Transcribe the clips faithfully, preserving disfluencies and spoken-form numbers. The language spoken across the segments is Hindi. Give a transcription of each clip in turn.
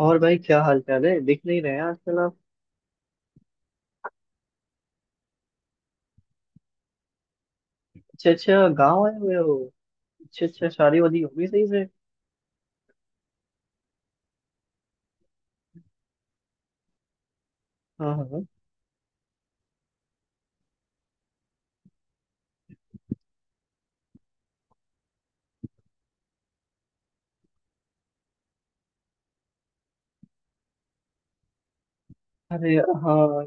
और भाई क्या हाल चाल है, दिख नहीं रहे हैं आजकल आप। अच्छा अच्छा, गाँव आए हुए हो। अच्छा अच्छा, शादी वादी होगी सही से। हाँ हाँ। अरे हाँ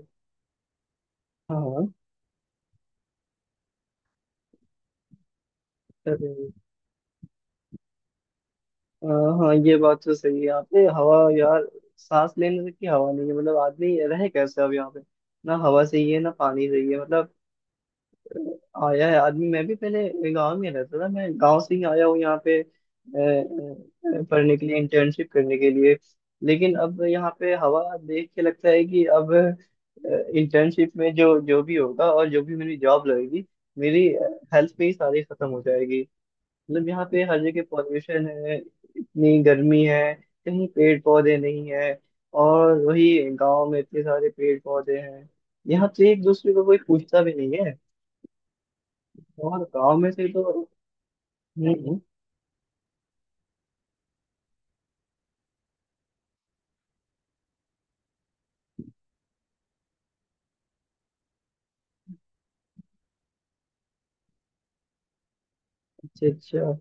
हाँ। अरे हाँ हाँ, ये बात तो सही है आपने। हवा यार, सांस लेने तक की हवा नहीं है, मतलब आदमी रहे कैसे अब यहाँ पे। ना हवा सही है, ना पानी सही है, मतलब आया है आदमी। मैं भी पहले गांव में रहता था, मैं गांव से ही आया हूँ यहाँ पे अ, अ, पढ़ने के लिए, इंटर्नशिप करने के लिए। लेकिन अब यहाँ पे हवा देख के लगता है कि अब इंटर्नशिप में जो जो भी होगा और जो भी मेरी जॉब लगेगी, मेरी हेल्थ पे ही सारी खत्म हो जाएगी। मतलब यहाँ पे हर जगह पॉल्यूशन है, इतनी गर्मी है, कहीं पेड़ पौधे नहीं है। और वही गांव में इतने सारे पेड़ पौधे हैं। यहाँ पे एक दूसरे को कोई पूछता भी नहीं है। और गांव में से तो। हम्म। अच्छा अच्छा।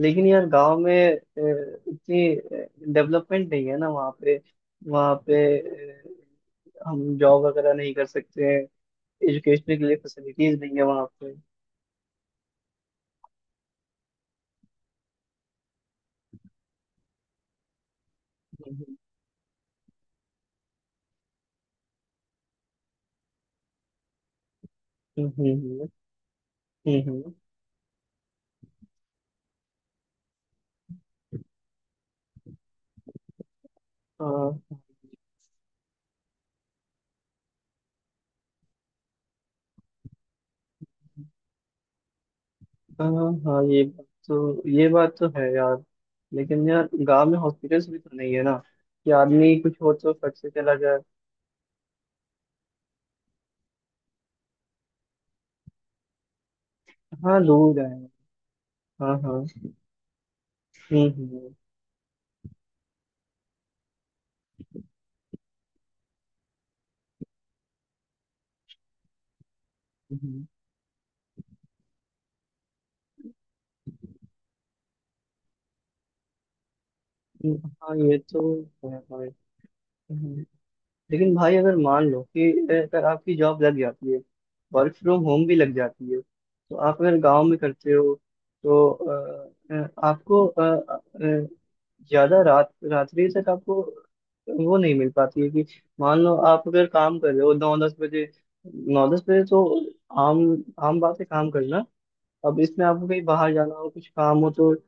लेकिन यार गांव में अ, इतनी डेवलपमेंट नहीं है ना वहाँ पे। वहाँ पे अ, हम जॉब वगैरह नहीं कर सकते हैं। एजुकेशन के लिए फैसिलिटीज नहीं है वहाँ पे। हम्म हम्म। हम्म हम्म। हम्म। हाँ हाँ हाँ हाँ, ये बात तो ये बात तो है यार। लेकिन यार गांव में हॉस्पिटल्स भी तो नहीं है ना, कि आदमी कुछ हो तो फट से चला जाए। हाँ दूर है। हाँ हाँ। हम्म हम्म। हम्म। हाँ ये तो है भाई। हम्म। लेकिन भाई अगर मान लो कि अगर आपकी जॉब लग जाती है, वर्क फ्रॉम होम भी लग जाती है, तो आप अगर गांव में करते हो तो अ, अ, आपको अ, अ, ज्यादा रात रात्रि तक आपको वो नहीं मिल पाती है। कि मान लो आप अगर काम कर रहे हो नौ दस बजे, नौ दस बजे तो आम, आम बात है काम करना। अब इसमें आपको कहीं बाहर जाना हो कुछ काम हो तो अ,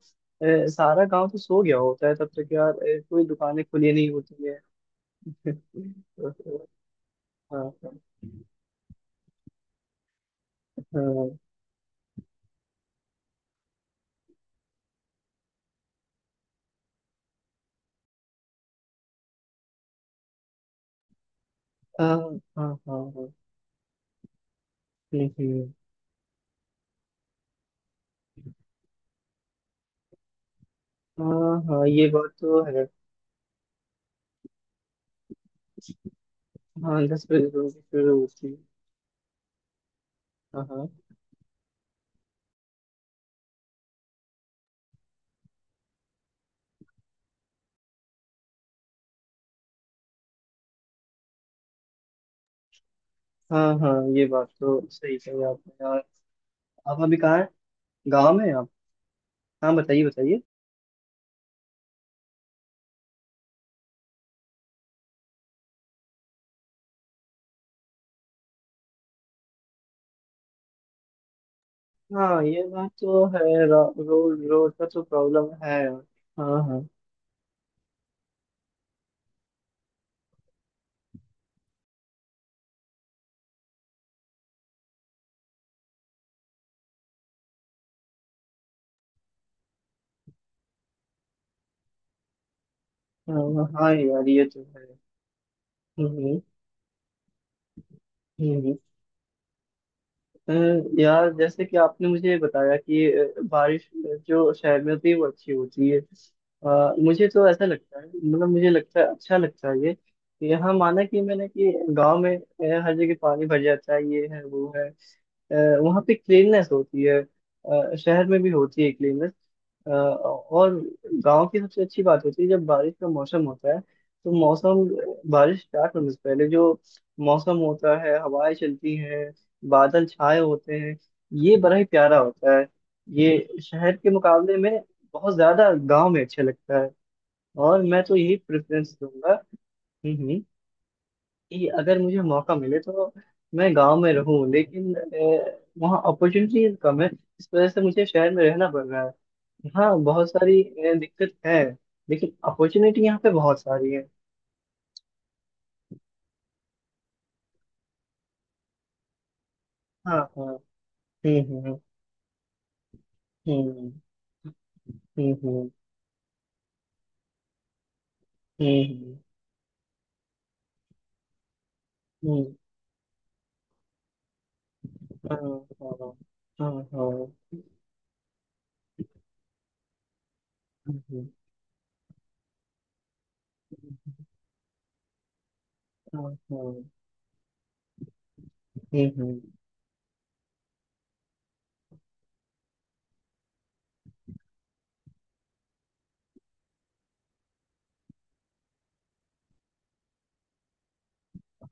सारा गांव तो सो गया होता है तब तक यार, अ, कोई दुकानें खुली नहीं होती है। हाँ हाँ हाँ। हाँ हाँ हाँ। हम्म, हम्म। हाँ हाँ, ये बात तो है। हाँ दस बजे तो शुरू होती है। हाँ हाँ हाँ हाँ, ये बात तो सही कही आपने यार। आप अभी कहाँ है, गाँव में हैं आप? हाँ बताइए बताइए। हाँ ये बात तो है। रा- रोड रोड का तो प्रॉब्लम है यार। हाँ हाँ। हाँ हाँ हाँ, यार ये तो है। हम्म हम्म। अ, यार जैसे कि आपने मुझे बताया कि अ, बारिश जो शहर में होती है वो अच्छी होती है, अ, मुझे तो ऐसा लगता है, मतलब मुझे लगता है अच्छा लगता है ये, कि यहाँ माना कि मैंने कि गांव में अ, हर जगह पानी भर जाता है, ये है वो है, अ, वहाँ पे क्लीननेस होती है, अ, शहर में भी होती है क्लीननेस। और गांव की सबसे अच्छी बात होती है जब बारिश का मौसम होता है, तो मौसम, बारिश स्टार्ट होने से पहले जो मौसम होता है, हवाएं चलती हैं, बादल छाए होते हैं, ये बड़ा ही प्यारा होता है। ये शहर के मुकाबले में बहुत ज्यादा गांव में अच्छा लगता है। और मैं तो यही प्रेफरेंस दूंगा। हम्म हम्म। कि अगर मुझे मौका मिले तो मैं गांव में रहूं, लेकिन अ, वहाँ अपॉर्चुनिटीज कम है, इस वजह से मुझे शहर में रहना पड़ रहा है। यहाँ बहुत सारी अ, दिक्कत है, लेकिन अपॉर्चुनिटी यहाँ पे बहुत सारी है। हाँ हाँ। हम्म हम्म। हम्म हम्म। हम्म हम्म। हम्म हम्म। हाँ हाँ हाँ हाँ। हम्म, हाँ, हाँ, हम्म, हम्म।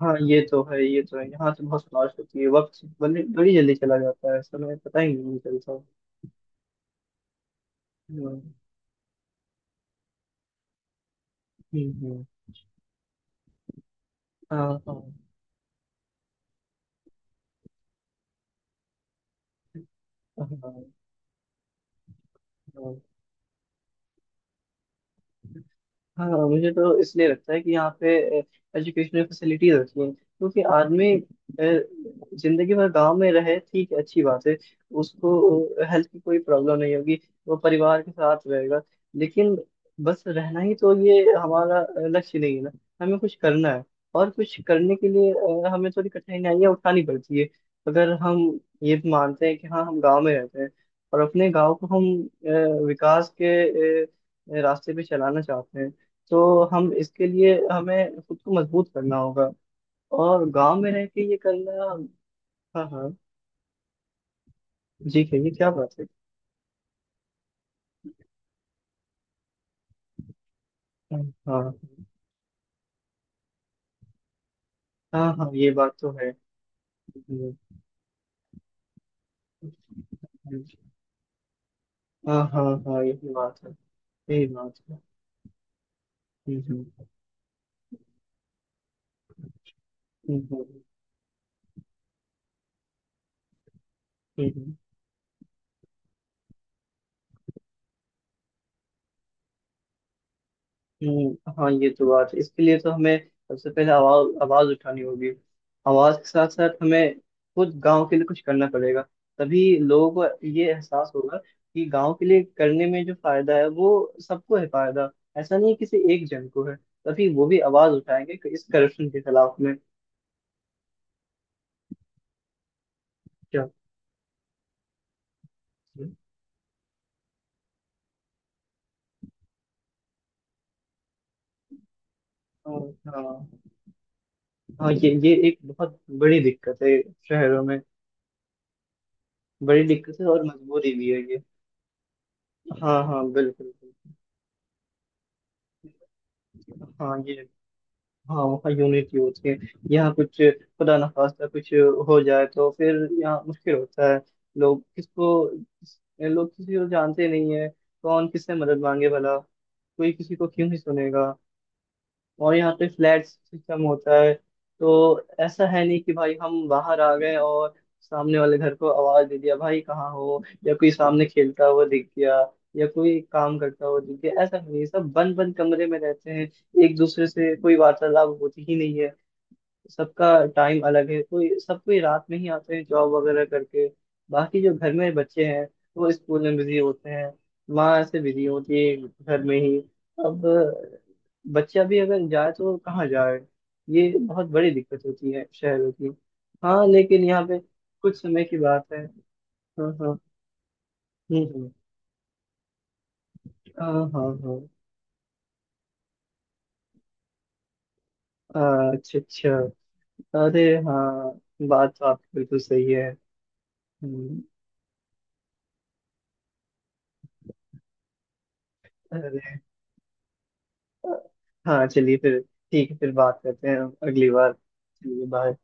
हाँ, ये तो है, ये तो है, यहाँ तो बहुत लाश होती है, वक्त बड़ी बड़ी जल्दी चला जाता है, समय पता ही नहीं चलता। हम्म हम्म। हम्म। हाँ हाँ हाँ हाँ। हाँ। हाँ हाँ, मुझे तो इसलिए लगता है कि यहाँ पे एजुकेशनल फैसिलिटीज अच्छी हैं, क्योंकि आदमी अ, जिंदगी भर गांव में रहे, ठीक है अच्छी बात है, उसको हेल्थ की कोई प्रॉब्लम नहीं होगी, वो परिवार के साथ रहेगा। लेकिन बस रहना ही तो ये हमारा अ, लक्ष्य नहीं है ना, हमें कुछ करना है। और कुछ करने के लिए अ, हमें थोड़ी कठिनाइयाँ उठानी पड़ती है। अगर हम ये मानते हैं कि हाँ हम गाँव में रहते हैं और अपने गाँव को हम अ, विकास के अ, रास्ते पे चलाना चाहते हैं, तो हम इसके लिए, हमें खुद को मजबूत करना होगा। और गांव में रह के ये करना। हाँ हाँ, जी कहिए क्या बात है। हाँ हाँ हाँ हाँ, ये बात तो है। हम्म, हम्म। हाँ हाँ हाँ, यही बात है। यही बात है। हम्म हम्म। हम्म हम्म। हम्म। हम्म, हाँ ये तो बात है। इसके लिए तो हमें सबसे पहले आवाज आवाज उठानी होगी। आवाज के साथ साथ हमें खुद गांव के लिए कुछ करना पड़ेगा, तभी लोगों को ये एहसास होगा कि गांव के लिए करने में जो फायदा है, वो सबको है फायदा। ऐसा नहीं है किसी एक जन को है। तभी वो भी आवाज उठाएंगे कि इस करप्शन के खिलाफ में। क्या? हाँ हाँ हाँ, ये ये एक बहुत बड़ी दिक्कत है शहरों में। बड़ी दिक्कत है और मजबूरी भी है ये। हाँ हाँ, बिल्कुल बिल्कुल। हाँ ये। हाँ वहाँ यूनिटी होती है। यहाँ कुछ खुदा ना खास्ता कुछ हो जाए तो फिर यहाँ मुश्किल होता है। लोग किसको किस- लोग किसी को जानते नहीं है, कौन किससे मदद मांगे, भला कोई किसी को क्यों ही सुनेगा। और यहाँ पे फ्लैट सिस्टम होता है, तो ऐसा है नहीं कि भाई हम बाहर आ गए और सामने वाले घर को आवाज दे दिया भाई कहाँ हो, या कोई सामने खेलता हुआ दिख गया या कोई काम करता हुआ दिख गया। ऐसा नहीं है, सब बंद बंद कमरे में रहते हैं, एक दूसरे से कोई वार्तालाप होती ही नहीं है। सबका टाइम अलग है, कोई सब कोई रात में ही आते हैं जॉब वगैरह करके, बाकी जो घर में बच्चे हैं वो स्कूल में बिजी होते हैं, माँ ऐसे बिजी होती है घर में ही। अब अ, बच्चा भी अगर जाए तो कहाँ जाए, ये बहुत बड़ी दिक्कत होती है शहरों की। हाँ लेकिन यहाँ पे कुछ समय की बात है। हाँ हाँ। हम्म हम्म। हाँ हाँ हाँ। अ, अच्छा अच्छा। अरे हाँ, बात तो आपकी बिल्कुल सही है। हम्म। अरे हाँ, चलिए फिर, ठीक है, फिर बात करते हैं अगली बार, चलिए बाय।